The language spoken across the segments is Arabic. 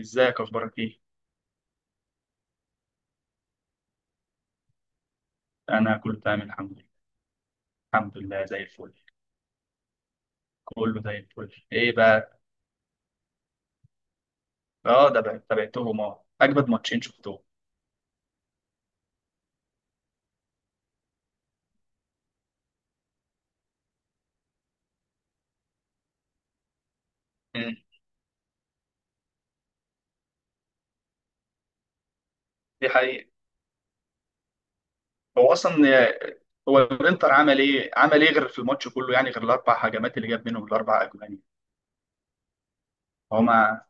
ازيك؟ اخبارك ايه؟ انا كله تمام الحمد لله. الحمد لله، زي الفل. كله زي الفل. ايه بقى؟ اه، ده بقى تابعتهم. اه، اجمد ماتشين شفتهم. امم دي حقيقة. هو اصلا هو الانتر عمل ايه غير في الماتش كله؟ يعني غير الاربع هجمات اللي جاب منهم الاربع اجوان. هو ما...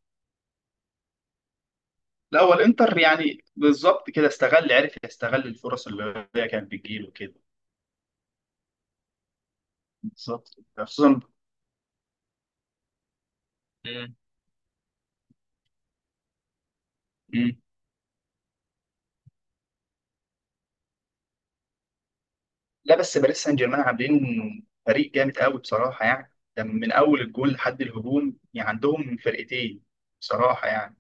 لا، هو الانتر يعني بالظبط كده عرف يستغل الفرص اللي هي كانت بتجيله كده. بالظبط. خصوصا. مم. لا، بس باريس سان جيرمان عاملين فريق جامد قوي، بصراحه. يعني ده من اول الجول لحد الهجوم، يعني عندهم فرقتين، بصراحه يعني.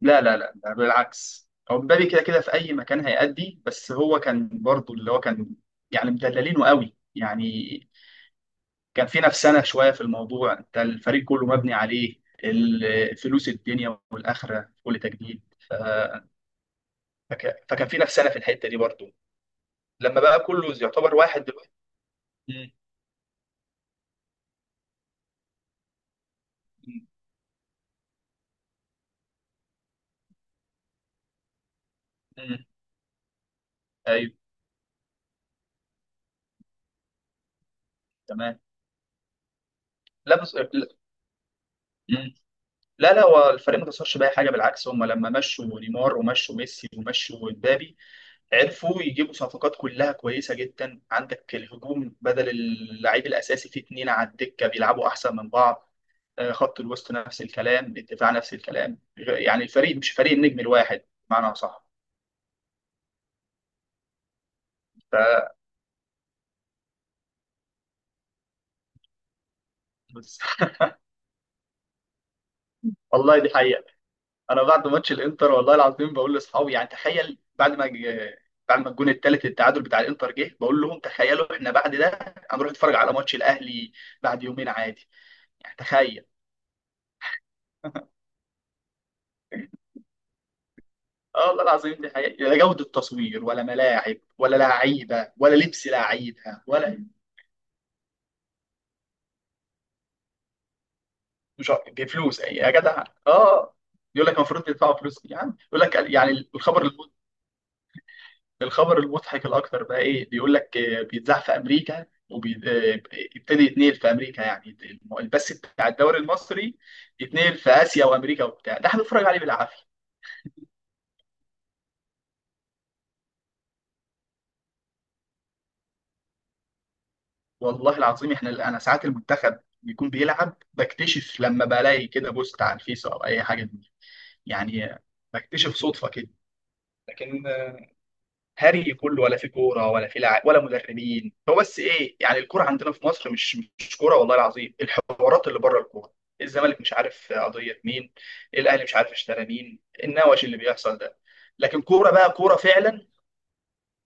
لا لا لا، ده بالعكس. هو مبابي كده كده في اي مكان هيأدي، بس هو كان برضو اللي هو كان. يعني مدللينه قوي يعني. كان في نفسنا شويه في الموضوع، انت الفريق كله مبني عليه الفلوس، الدنيا والاخره كل تجديد. فكان في نفسنا في الحته دي برضو. لما بقى كله يعتبر واحد دلوقتي. م- م- م. ايوه، تمام. لا بس. مم. لا لا، هو الفريق ما خسرش باي حاجه. بالعكس، هم لما مشوا نيمار ومشوا ميسي ومشوا مبابي عرفوا يجيبوا صفقات كلها كويسه جدا. عندك الهجوم بدل اللعيب الاساسي في اتنين على الدكه بيلعبوا احسن من بعض. خط الوسط نفس الكلام، الدفاع نفس الكلام، يعني الفريق مش فريق النجم الواحد. بمعنى صح. ف... بس والله دي حقيقه. انا بعد ماتش الانتر والله العظيم بقول لاصحابي، يعني تخيل، بعد ما الجون الثالث التعادل بتاع الانتر جه، بقول لهم تخيلوا احنا بعد ده هنروح نتفرج على ماتش الاهلي بعد يومين عادي. يعني تخيل. اه والله العظيم دي حقيقة. لا جودة تصوير ولا ملاعب ولا لعيبة ولا لبس لعيبة ولا. مش عارف- بفلوس يا جدع. اه، يقول لك المفروض تدفعوا فلوس. يعني يقول لك، يعني الخبر، الخبر المضحك الاكتر بقى ايه، بيقول لك بيتذاع في امريكا، وابتدي يتنقل في امريكا، يعني البث بتاع الدوري المصري يتنقل في اسيا وامريكا وبتاع ده، احنا بنتفرج عليه بالعافيه. والله العظيم احنا، انا ساعات المنتخب بيكون بيلعب بكتشف لما بلاقي كده بوست على الفيس او اي حاجه دي. يعني بكتشف صدفه كده. لكن هري كله، ولا في كوره ولا ولا مدربين. هو بس ايه يعني، الكوره عندنا في مصر مش كوره، والله العظيم. الحوارات اللي بره الكوره، الزمالك مش عارف قضيه مين، الاهلي مش عارف اشترى مين، النوش اللي بيحصل ده. لكن كوره بقى كوره فعلا.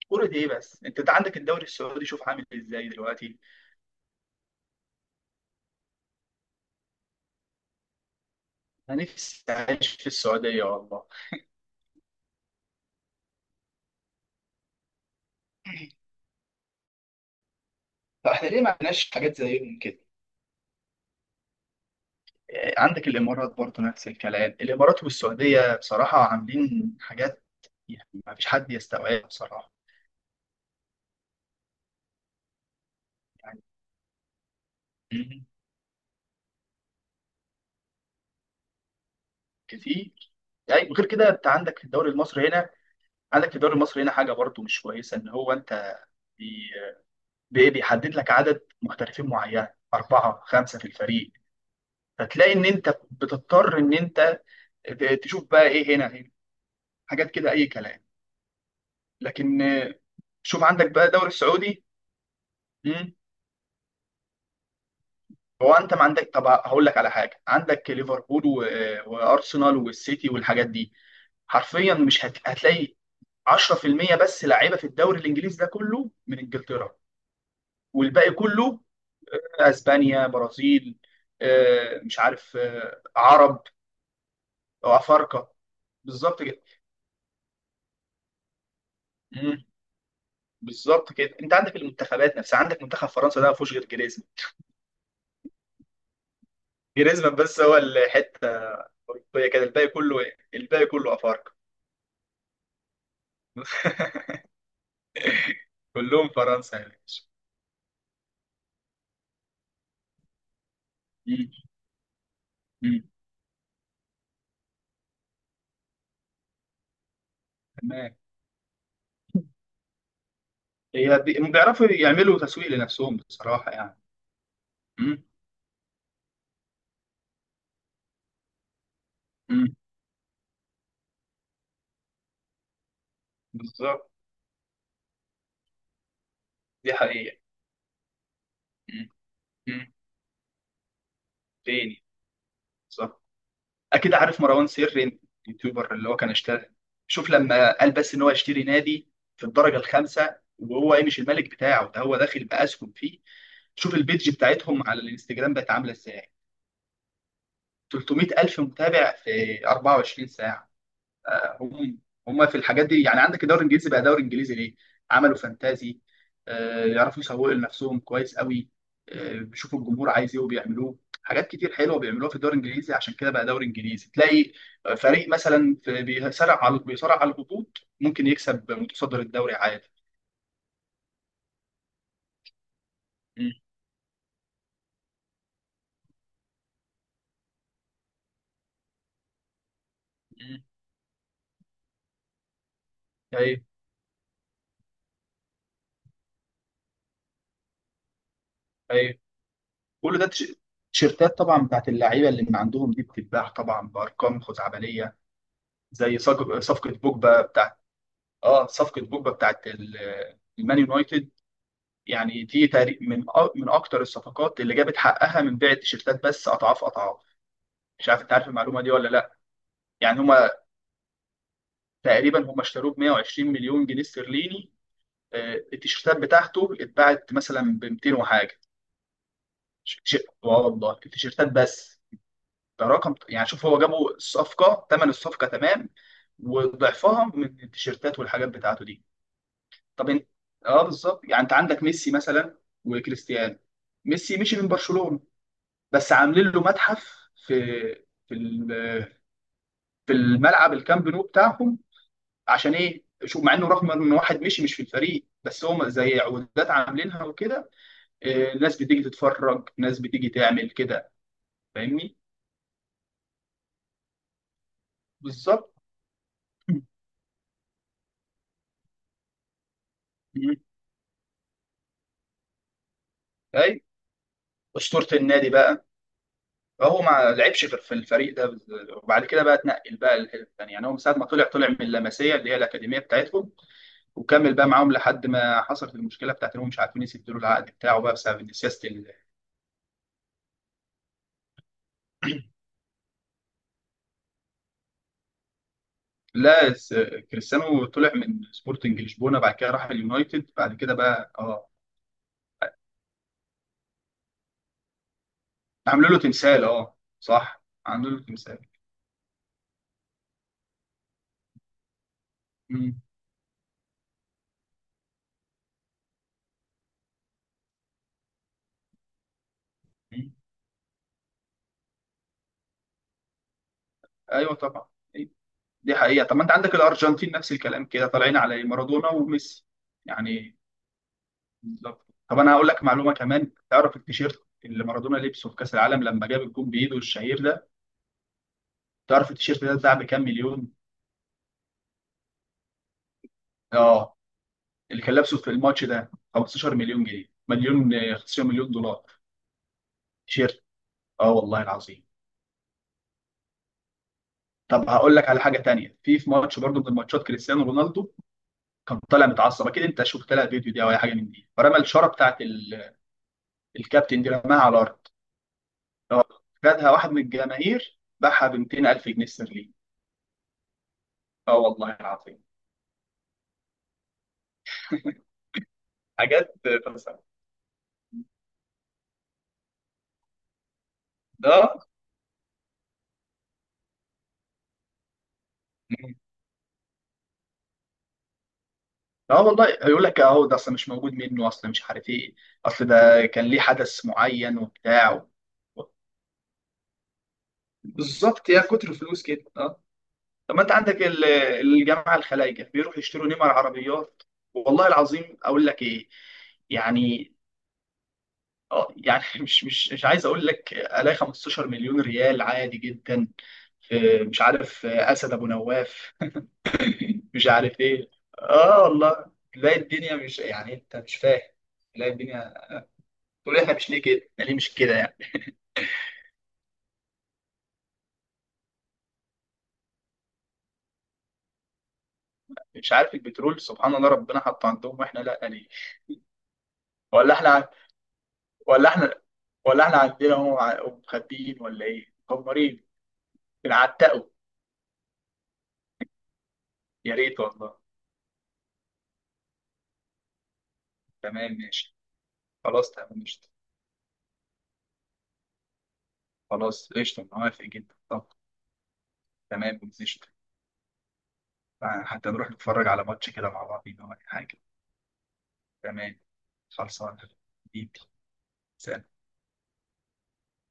كوره دي ايه بس؟ انت ده عندك الدوري السعودي، شوف عامل ازاي دلوقتي. انا نفسي اعيش في السعوديه والله. احنا ليه ما عندناش حاجات زيهم كده؟ عندك الامارات برضه نفس الكلام، الامارات والسعوديه بصراحه عاملين حاجات يعني ما فيش حد يستوعبها بصراحه. يعني. مم. كتير. يعني غير كده انت عندك في الدوري المصري هنا، عندك في الدوري المصري هنا حاجه برضه مش كويسه، ان هو انت بي- بيحدد لك عدد محترفين معين، أربعة خمسة في الفريق. فتلاقي إن أنت بتضطر إن أنت تشوف بقى إيه هنا. حاجات كده أي كلام. لكن شوف عندك بقى الدوري السعودي. هو انت ما عندك. طب هقول لك على حاجه، عندك ليفربول وارسنال والسيتي والحاجات دي، حرفيا مش هتلاقي 10% بس لعيبه في الدوري الانجليزي ده كله من انجلترا، والباقي كله اسبانيا، برازيل، مش عارف، عرب او افارقه. بالظبط كده. مم، بالظبط كده. انت عندك المنتخبات نفسها، عندك منتخب فرنسا ده ما فيهوش غير جريزمان. جريزمان بس هو الحته الاوروبيه كده، الباقي كله إيه؟ الباقي كله افارقه. كلهم فرنسا يا باشا. مم. تمام. هم بيعرفوا يعملوا تسويق لنفسهم بصراحة يعني. مم. مم. بالظبط، دي حقيقة. مم. مم. تاني. صح. أكيد عارف مروان سري، اليوتيوبر اللي هو كان اشتغل. شوف لما قال بس إن هو يشتري نادي في الدرجة الخامسة، وهو إيه، مش الملك بتاعه ده، هو داخل بأسهم فيه. شوف البيدج بتاعتهم على الانستجرام بقت عاملة إزاي، 300 ألف متابع في 24 ساعة. آه، هم هم في الحاجات دي. يعني عندك الدوري الانجليزي، بقى دوري انجليزي ليه؟ عملوا فانتازي. يعرفوا يسوقوا لنفسهم كويس قوي. بيشوفوا الجمهور عايز ايه وبيعملوه. حاجات كتير حلوه بيعملوها في الدوري الانجليزي، عشان كده بقى دوري انجليزي. تلاقي فريق مثلا في، بيصارع على، بيصارع على الهبوط، ممكن يكسب متصدر الدوري عادي. مم. مم. ايوه، ايوه. كل ده تيشيرتات طبعا بتاعت اللعيبه اللي من عندهم دي، بتتباع طبعا بارقام خزعبليه. زي صفقه بوجبا. اه صفقه بوجبا بتاعت المان يونايتد. يعني دي تقريبا من اكتر الصفقات اللي جابت حقها من بيع التيشيرتات، بس اضعاف اضعاف. مش عارف انت عارف المعلومه دي ولا لا. يعني هما تقريبا هما اشتروه ب 120 مليون جنيه استرليني. التيشيرتات بتاعته اتباعت مثلا ب 200 وحاجه. ش- ش- اه والله التيشيرتات بس. ده رقم يعني. شوف هو جابوا الصفقه، ثمن الصفقه تمام وضعفها من التيشيرتات والحاجات بتاعته دي. طب انت، اه بالظبط. يعني انت عندك ميسي مثلا وكريستيانو. ميسي مشي من برشلونة، بس عاملين له متحف في ال- في الملعب الكامب نو بتاعهم. عشان ايه؟ شوف، مع انه رغم ان واحد مشي مش في الفريق، بس هم زي عقودات عاملينها وكده. الناس بتيجي تتفرج، الناس بتيجي تعمل كده. فاهمني. بالظبط. مم. اي، اسطورة النادي بقى. فهو ما لعبش غير في الفريق ده وبعد كده بقى اتنقل بقى للفرقة الثانية. يعني هو من ساعة ما طلع من اللمسية، اللي هي الأكاديمية بتاعتهم، وكمل بقى معاهم لحد ما حصلت المشكلة بتاعت إنهم مش عارفين يسدوا له العقد بتاعه، بقى بسبب إن سياسة لا كريستيانو طلع من سبورتنج لشبونة، بعد كده راح اليونايتد، بعد كده بقى اه عملوا له تمثال. اه صح عملوا له تمثال. مم. مم. ايوه طبعا. أيوة. دي حقيقة. طب ما انت عندك الأرجنتين نفس الكلام كده، طالعين على مارادونا وميسي، يعني. بالظبط. طب انا هقول لك معلومه كمان. تعرف التيشيرت اللي مارادونا لبسه في كاس العالم، لما جاب الجون بايده الشهير ده؟ تعرف التيشيرت ده اتباع بكام مليون؟ اه اللي كان لابسه في الماتش ده، 15 مليون جنيه، مليون 15 مليون دولار. تيشيرت. اه والله العظيم. طب هقول لك على حاجه تانية، في ماتش برضه من الماتشات، كريستيانو رونالدو كان طالع متعصب. اكيد انت شفت لها فيديو دي او اي حاجه من دي. فرمى الشاره بتاعت الكابتن دي، رماها على الارض. اه خدها واحد من الجماهير، باعها ب 200,000 جنيه استرليني. اه والله العظيم. حاجات فلسفه ده. مم. اه والله هيقول لك اهو ده اصل مش موجود منه، اصل مش عارف ايه، اصل ده كان ليه حدث معين وبتاع و... بالظبط، يا كتر فلوس كده. اه طب ما انت عندك الجماعه الخلايجه بيروحوا يشتروا نمر عربيات. والله العظيم اقول لك ايه. يعني. اه يعني مش عايز اقول لك، الاقي 15 مليون ريال عادي جدا. مش عارف، اسد ابو نواف، مش عارف ايه. اه والله تلاقي الدنيا، مش يعني، انت مش فاهم. تلاقي الدنيا، تقول احنا مش ليه كده، احنا ليه مش كده يعني. مش عارف، البترول سبحان الله ربنا حطه عندهم واحنا لا. ليه؟ ولا احنا ولا احنا ولا احنا عندنا هم مخبيين ولا ايه مكمرين، بنعتقوا. يا ريت والله. تمام ماشي. خلاص تمام قشطة. خلاص قشطة موافق جدا. طب. تمام قشطة. حتى نروح نتفرج على ماتش كده مع بعضينا ولا حاجة. تمام خلصان حبيبي. سلام